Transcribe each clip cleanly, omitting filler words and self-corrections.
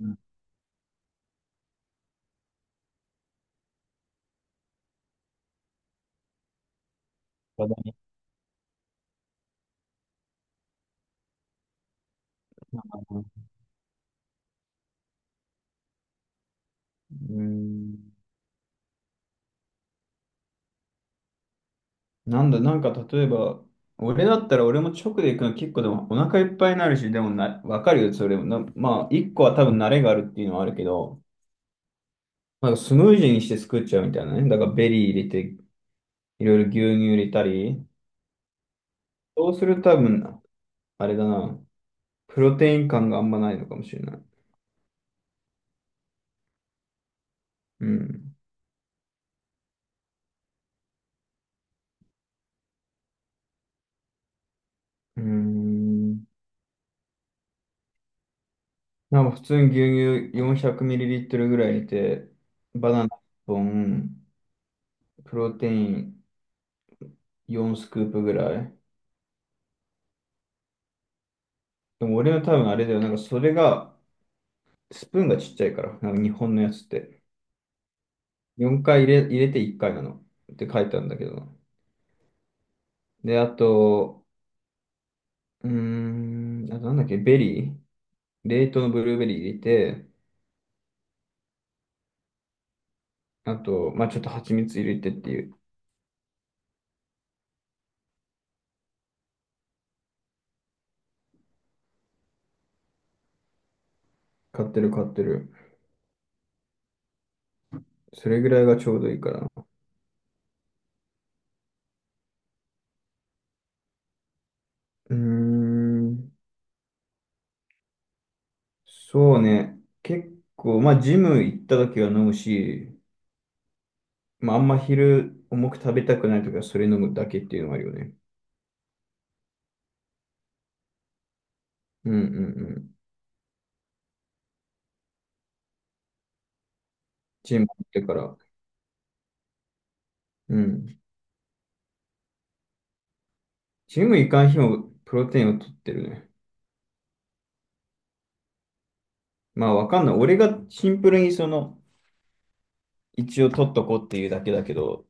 うん。話題になったかな。うん。なんだ、なんか例えば、俺だったら俺も直で行くの結構でもお腹いっぱいになるし、でもな、わかるよ、それも。まあ、一個は多分慣れがあるっていうのはあるけど、なんかスムージーにして作っちゃうみたいなね。だからベリー入れて、いろいろ牛乳入れたり、そうすると多分、あれだな、プロテイン感があんまないのかもしれない。うん。うーん、なんか普通に牛乳 400ml ぐらい入れて、バナナ1本、プロテイン4スクープぐらい。でも俺は多分あれだよ。なんかそれが、スプーンがちっちゃいから、なんか日本のやつって。4回入れて1回なの。って書いてあるんだけど。で、あと、あとなんだっけ、ベリー。冷凍のブルーベリー入れて、あと、まあちょっと蜂蜜入れてっていう。買ってる買ってる。それぐらいがちょうどいいからな。うーん、そうね。結構、まあジム行った時は飲むし、まあ、あんま昼重く食べたくないときはそれ飲むだけっていうのはあるよね。うんうんうん。ジム行ってから。うん。ジム行かん日もプロテインを取ってるね。まあわかんない。俺がシンプルにその、一応取っとこうっていうだけだけど、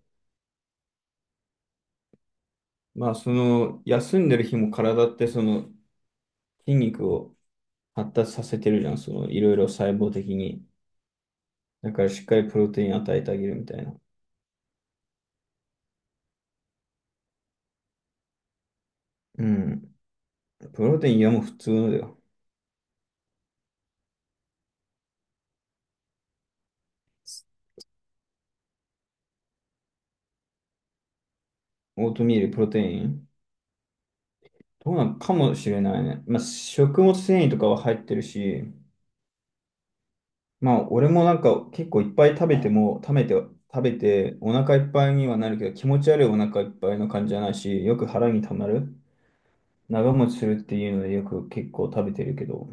まあその、休んでる日も体ってその、筋肉を発達させてるじゃん。その、いろいろ細胞的に。だからしっかりプロテイン与えてあげるみたいな。うん。プロテイン、いや、もう普通のだよ。オートミールプロテイン、どうなんかもしれないね。まあ、食物繊維とかは入ってるし、まあ、俺もなんか結構いっぱい食べても、食べて、食べて、お腹いっぱいにはなるけど、気持ち悪いお腹いっぱいの感じじゃないし、よく腹にたまる。長持ちするっていうので、よく結構食べてるけど、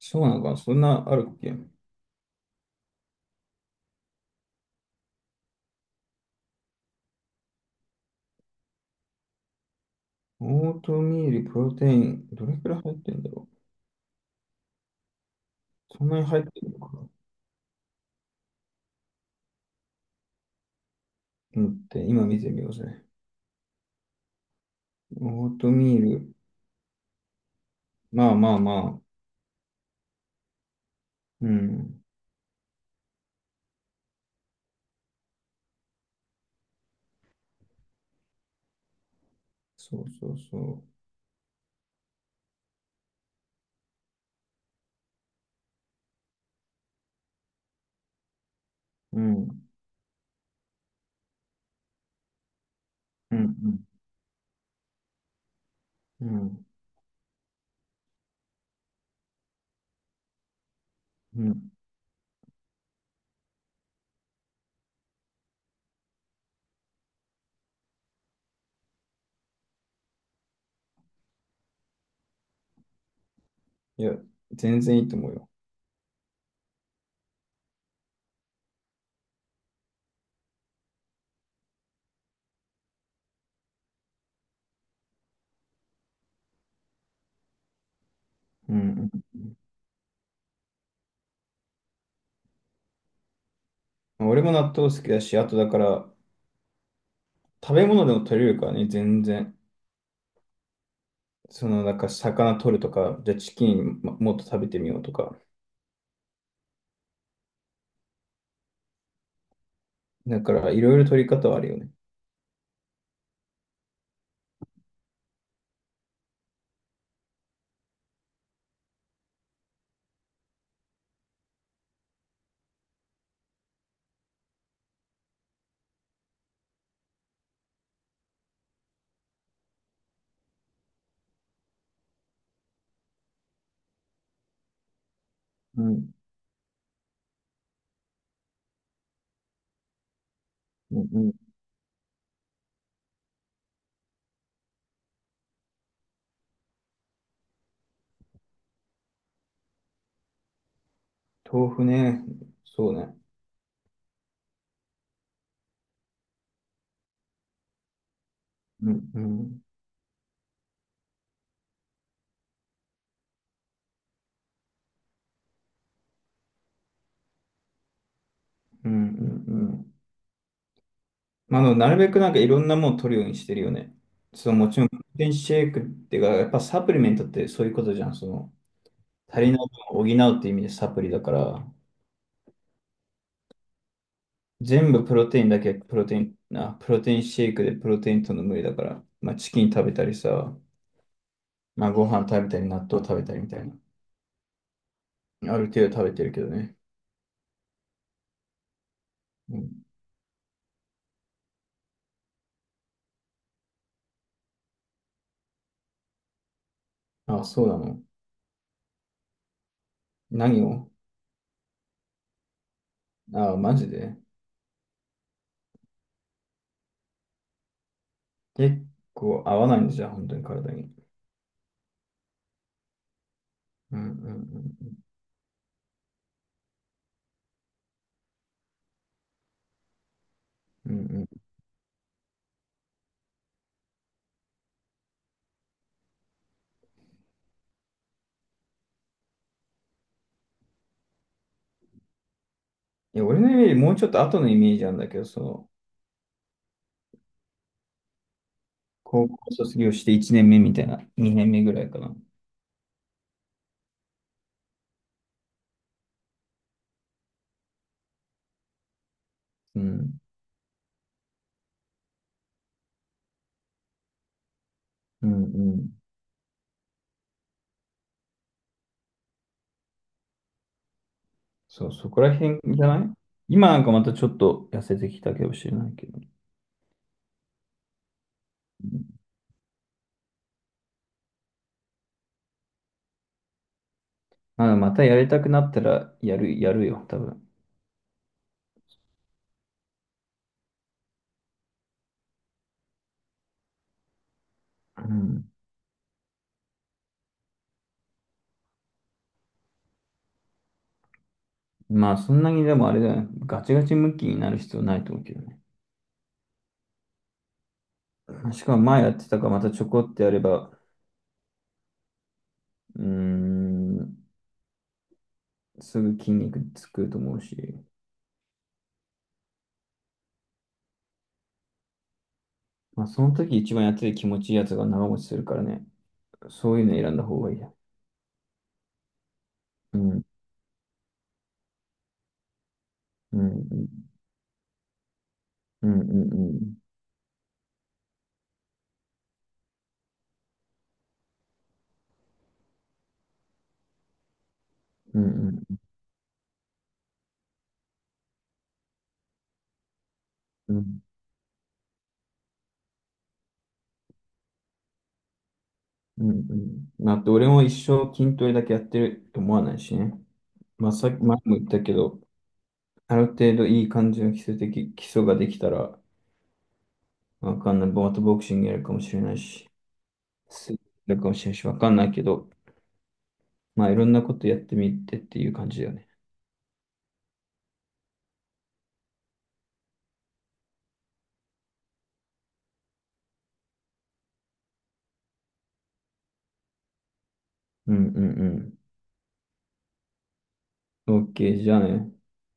そうなのかな、そんなあるっけ。オートミール、プロテイン、どれくらい入ってんだろう。そんなに入ってるのかな。うん、って、今見てみようぜ。オートミール、まあまあまあ、うん、そうそうそう。うん。うんうん。うん。うん、いや、全然いいと思うよ。うんうん。俺も納豆好きだし、あとだから、食べ物でも取れるからね、全然。その、なんか魚取るとか、じゃあチキンももっと食べてみようとか。だから、いろいろ取り方はあるよね。うん。うんうん。豆腐ね。そうね。うんうん。うんうんうん。まあ、あの、なるべくなんかいろんなもの取るようにしてるよね。そう、もちろん、プロテインシェイクっていうか、やっぱサプリメントってそういうことじゃん。その、足りない分を補うっていう意味でサプリだから、全部プロテインだけプロテイン、あ、プロテインシェイクでプロテインとの無理だから、まあチキン食べたりさ、まあご飯食べたり納豆食べたりみたいな。ある程度食べてるけどね。うん。あ、そうなの。何を。あ、マジで。結構合わないんだじゃん、本当に体に。うんうんうんうん。うんうん。いや、俺のイメージ、もうちょっと後のイメージなんだけど、その、高校卒業して1年目みたいな、2年目ぐらいかな。うん。うんうん。そう、そこら辺じゃない。今なんかまたちょっと痩せてきたかもしれないけど。まあ、また、やりたくなったらやるよ、多分。うん。まあ、そんなにでもあれだよね。ガチガチムッキーになる必要ないと思うけどね。しかも前やってたからまたちょこってやれば、うーん、すぐ筋肉つくと思うし。まあ、その時一番やってて気持ちいいやつが長持ちするからね。そういうの選んだ方がいいや。うん、うん、うん、うん、うん、うん、うん、うん。うんうん。まあと、俺も一生筋トレだけやってると思わないしね。まあ、さっき前も言ったけど、ある程度いい感じの基礎ができたら、わかんない。ボートボクシングやるかもしれないし、水泳やるかもしれないし、わかんないけど、まあ、いろんなことやってみてっていう感じだよね。うんうんうん。OK、じゃあね。